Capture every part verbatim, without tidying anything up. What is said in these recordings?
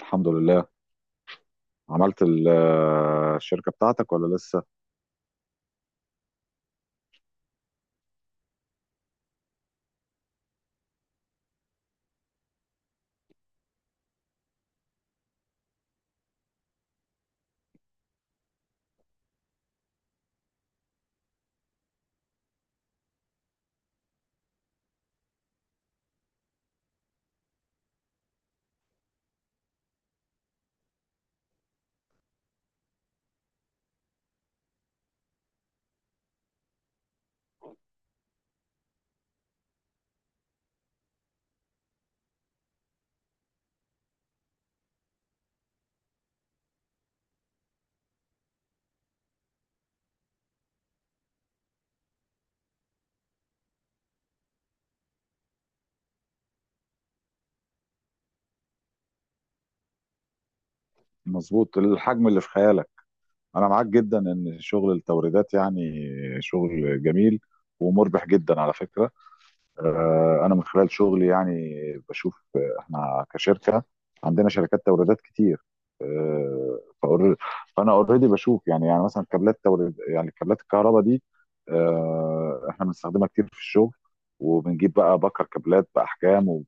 الحمد لله. عملت ال- الشركة بتاعتك ولا لسه؟ مظبوط، الحجم اللي في خيالك. انا معاك جدا ان شغل التوريدات يعني شغل جميل ومربح جدا على فكرة. آه، انا من خلال شغلي يعني بشوف، آه، احنا كشركه عندنا شركات توريدات كتير. آه، فأور- فانا اوريدي بشوف يعني يعني مثلا كابلات توريد، يعني كابلات الكهرباء دي. آه، احنا بنستخدمها كتير في الشغل، وبنجيب بقى بكر كابلات باحجام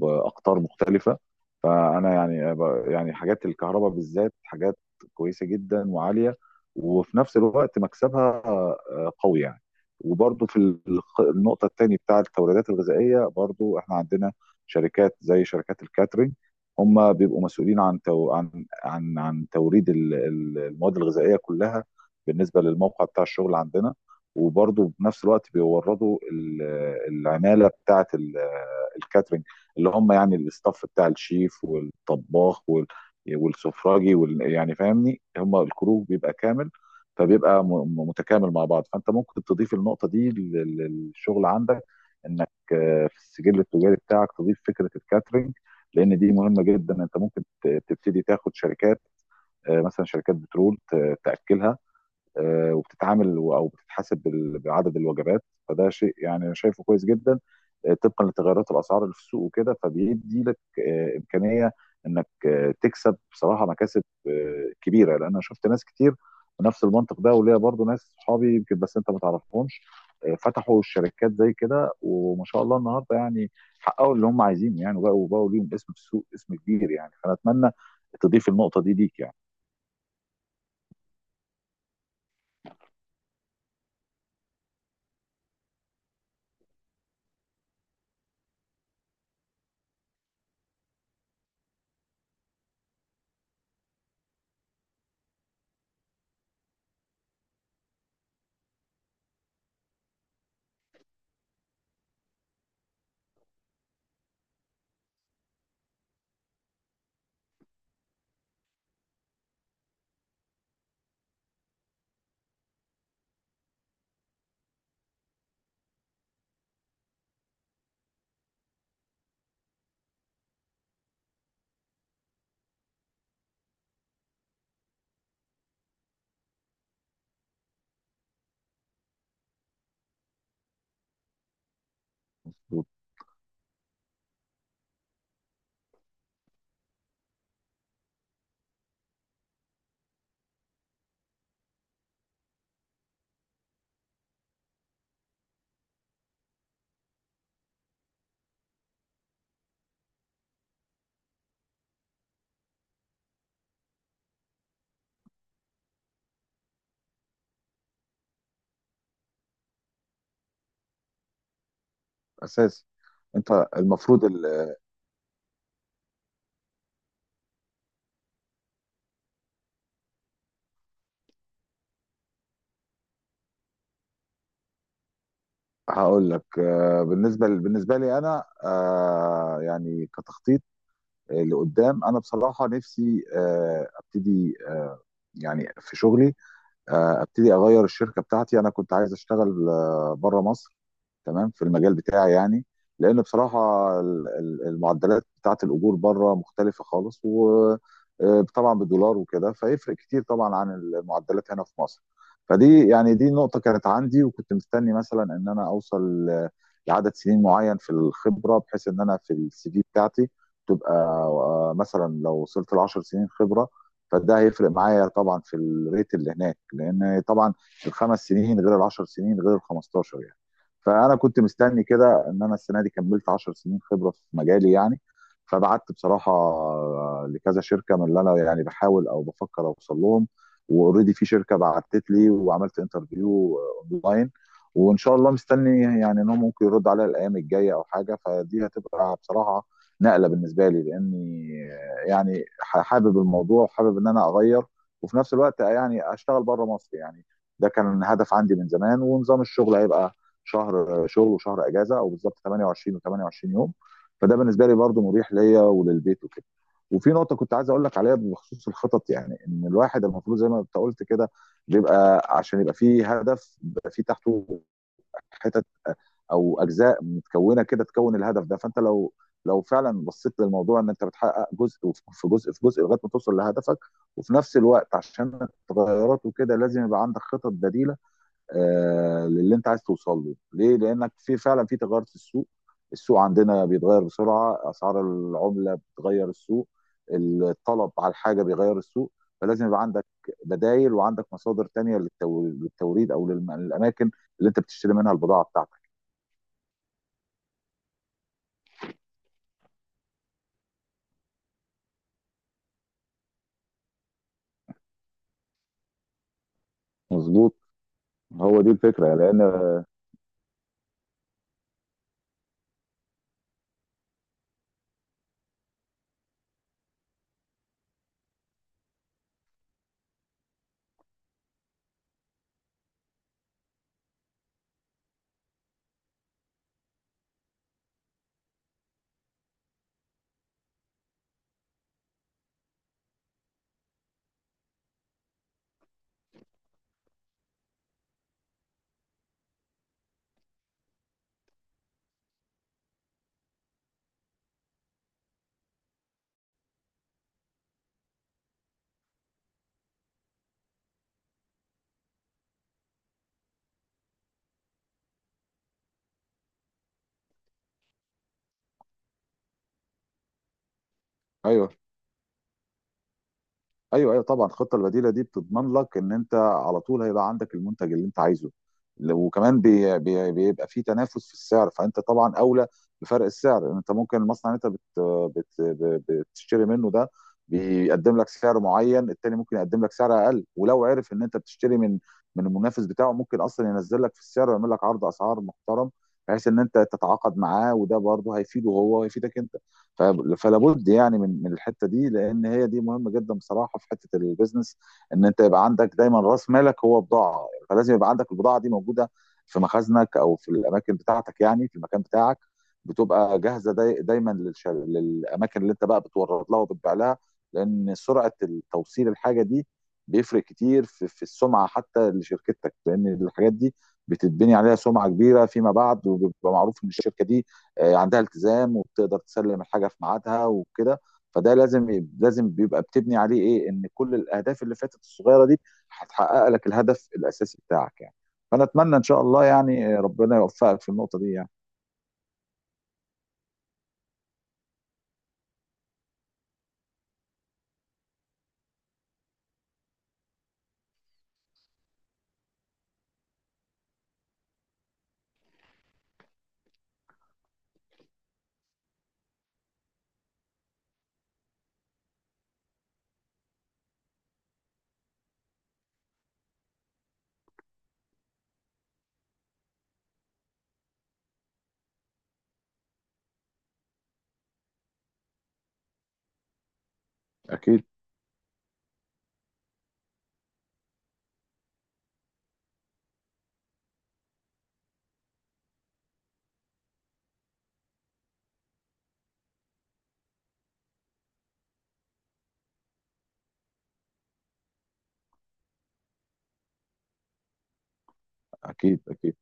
وباقطار مختلفه. فانا يعني ب- يعني حاجات الكهرباء بالذات حاجات كويسه جدا وعاليه، وفي نفس الوقت مكسبها آه، قوي يعني. وبرضو في الخ- النقطة التانية بتاع التوريدات الغذائية، برضو احنا عندنا شركات زي شركات الكاترينج. هم بيبقوا مسؤولين عن تو... عن عن عن توريد ال- ال- المواد الغذائية كلها بالنسبة للموقع بتاع الشغل عندنا. وبرضو بنفس الوقت بيوردوا ال- العمالة بتاعة ال- الكاترينج، اللي هم يعني الاستاف بتاع الشيف والطباخ وال... والسفراجي وال... يعني فاهمني، هم الكروب بيبقى كامل. فبيبقى م- م- متكامل مع بعض. فانت ممكن تضيف النقطه دي لل- للشغل عندك، انك آه، في السجل التجاري بتاعك تضيف فكره الكاترينج، لان دي مهمه جدا. انت ممكن ت- تبتدي تاخد شركات، آه، مثلا شركات بترول ت- تاكلها. آه، وبتتعامل و- او بتتحاسب بال- بعدد الوجبات. فده شيء يعني انا شايفه كويس جدا، آه، طبقا لتغيرات الاسعار اللي في السوق وكده، فبيدي لك آه، امكانيه انك آه، تكسب بصراحه مكاسب آه، كبيره، لان انا شفت ناس كتير بنفس المنطق ده. وليا برضو ناس صحابي يمكن بس انت ما تعرفهمش، آه، فتحوا الشركات زي كده، وما شاء الله النهارده يعني حققوا اللي هم عايزينه يعني، وبقوا بقوا ليهم اسم في السوق، اسم كبير يعني. فانا اتمنى تضيف النقطه دي ليك يعني. اساسي. انت المفروض... هقول لك، آه، بالنسبه بالنسبه لي انا، آه، يعني كتخطيط لقدام، انا بصراحه نفسي آه، ابتدي آه، يعني في شغلي آه، ابتدي اغير الشركه بتاعتي. انا كنت عايز اشتغل آه، بره مصر، تمام، في المجال بتاعي يعني. لان بصراحه ال- ال- المعدلات بتاعت الاجور بره مختلفه خالص، وطبعا بالدولار وكده، فيفرق كتير طبعا عن المعدلات هنا في مصر. فدي يعني دي نقطه كانت عندي، وكنت مستني مثلا ان انا اوصل ل- لعدد سنين معين في الخبره، بحيث ان انا في السي في بتاعتي تبقى آه، مثلا لو وصلت ل عشر سنين خبره، فده هيفرق معايا طبعا في الريت اللي هناك، لان طبعا الخمس سنين غير العشر سنين غير ال خمستاشر يعني. فانا كنت مستني كده ان انا السنه دي كملت عشر سنين خبره في مجالي يعني. فبعت بصراحه لكذا شركه من اللي انا يعني بحاول او بفكر اوصل لهم، واوريدي في شركه بعتت لي وعملت انترفيو اونلاين. وان شاء الله مستني يعني انهم ممكن يردوا عليا الايام الجايه او حاجه. فدي هتبقى بصراحه نقله بالنسبه لي، لاني يعني ح- حابب الموضوع، وحابب ان انا اغير، وفي نفس الوقت يعني اشتغل بره مصر يعني. ده كان هدف عندي من زمان. ونظام الشغل هيبقى شهر شغل وشهر اجازه، او بالظبط ثمانية وعشرين و28 يوم، فده بالنسبه لي برضو مريح ليا وللبيت وكده. وفي نقطه كنت عايز اقول لك عليها بخصوص الخطط يعني، ان الواحد المفروض زي ما انت قلت كده، بيبقى عشان يبقى فيه هدف، بيبقى فيه تحته حتت او اجزاء متكونه كده تكون الهدف ده. فانت لو لو فعلا بصيت للموضوع، ان انت بتحقق جزء في جزء في جزء لغايه ما توصل لهدفك. وفي نفس الوقت عشان التغيرات وكده، لازم يبقى عندك خطط بديله آه للي انت عايز توصل له ليه، لانك في فعلا في تغير في السوق. السوق عندنا بيتغير بسرعه، اسعار العمله بتغير السوق، الطلب على الحاجه بيغير السوق. فلازم يبقى عندك بدايل، وعندك مصادر تانية للتو- للتوريد، او للم- للاماكن اللي انت بتشتري منها البضاعه بتاعتك. مظبوط. هو دي الفكره لان... ايوه، ايوه، ايوه، طبعا الخطه البديله دي بتضمن لك ان انت على طول هيبقى عندك المنتج اللي انت عايزه، لو- وكمان بي بي بيبقى في تنافس في السعر، فانت طبعا اولى بفرق السعر. انت ممكن المصنع اللي انت بت بت ب- بتشتري منه ده بيقدم لك سعر معين، التاني ممكن يقدم لك سعر اقل، ولو عرف ان انت بتشتري من من المنافس بتاعه، ممكن اصلا ينزل لك في السعر ويعمل لك عرض اسعار محترم، بحيث ان انت تتعاقد معاه. وده برضه هيفيده هو ويفيدك انت. ف- فلا بد يعني من من الحته دي، لان هي دي مهمه جدا بصراحه في حته البيزنس، ان انت يبقى عندك دايما راس مالك هو بضاعه. فلازم يبقى عندك البضاعه دي موجوده في مخازنك او في الاماكن بتاعتك، يعني في المكان بتاعك، بتبقى جاهزه داي دايما للش- للاماكن اللي انت بقى بتورد لها وبتبيع لها. لان سرعه التوصيل، الحاجه دي بيفرق كتير في, في السمعه حتى لشركتك، لان الحاجات دي بتتبني عليها سمعه كبيره فيما بعد. وبيبقى معروف ان الشركه دي آه، عندها التزام، وبتقدر تسلم الحاجه في ميعادها وكده. فده لازم لازم بيبقى بتبني عليه ايه، ان كل الاهداف اللي فاتت الصغيره دي هتحقق لك الهدف الاساسي بتاعك يعني. فانا اتمنى ان شاء الله يعني ربنا يوفقك في النقطه دي يعني. اكيد. اكيد، اكيد.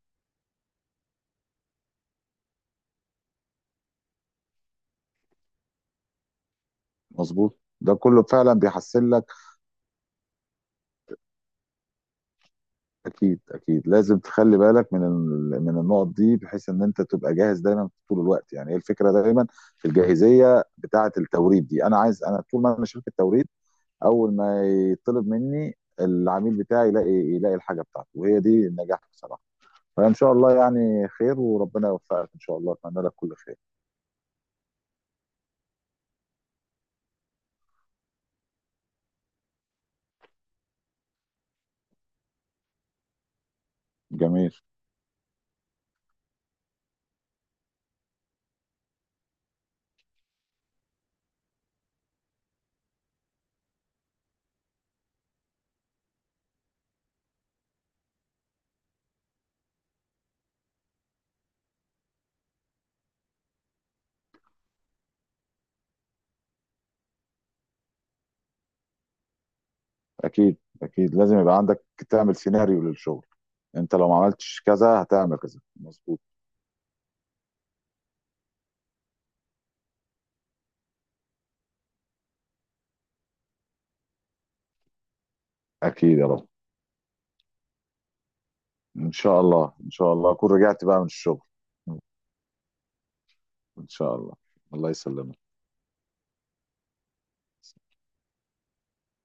مظبوط، ده كله فعلا بيحسن لك. اكيد، اكيد، لازم تخلي بالك من ال- من النقط دي، بحيث ان انت تبقى جاهز دايما طول الوقت يعني. هي الفكره دايما في الجاهزيه بتاعه التوريد دي، انا عايز، انا طول ما انا شركه توريد، اول ما يطلب مني العميل بتاعي يلاقي يلاقي الحاجه بتاعته، وهي دي النجاح بصراحه. فان شاء الله يعني خير، وربنا يوفقك ان شاء الله، اتمنى لك كل خير. جميل. اكيد، اكيد، لازم يبقى عندك تعمل سيناريو للشغل. انت لو ما عملتش كذا هتعمل كذا، مظبوط. اكيد. يا رب ان شاء الله. ان شاء الله اكون رجعت بقى من الشغل. ان شاء الله. الله يسلمك.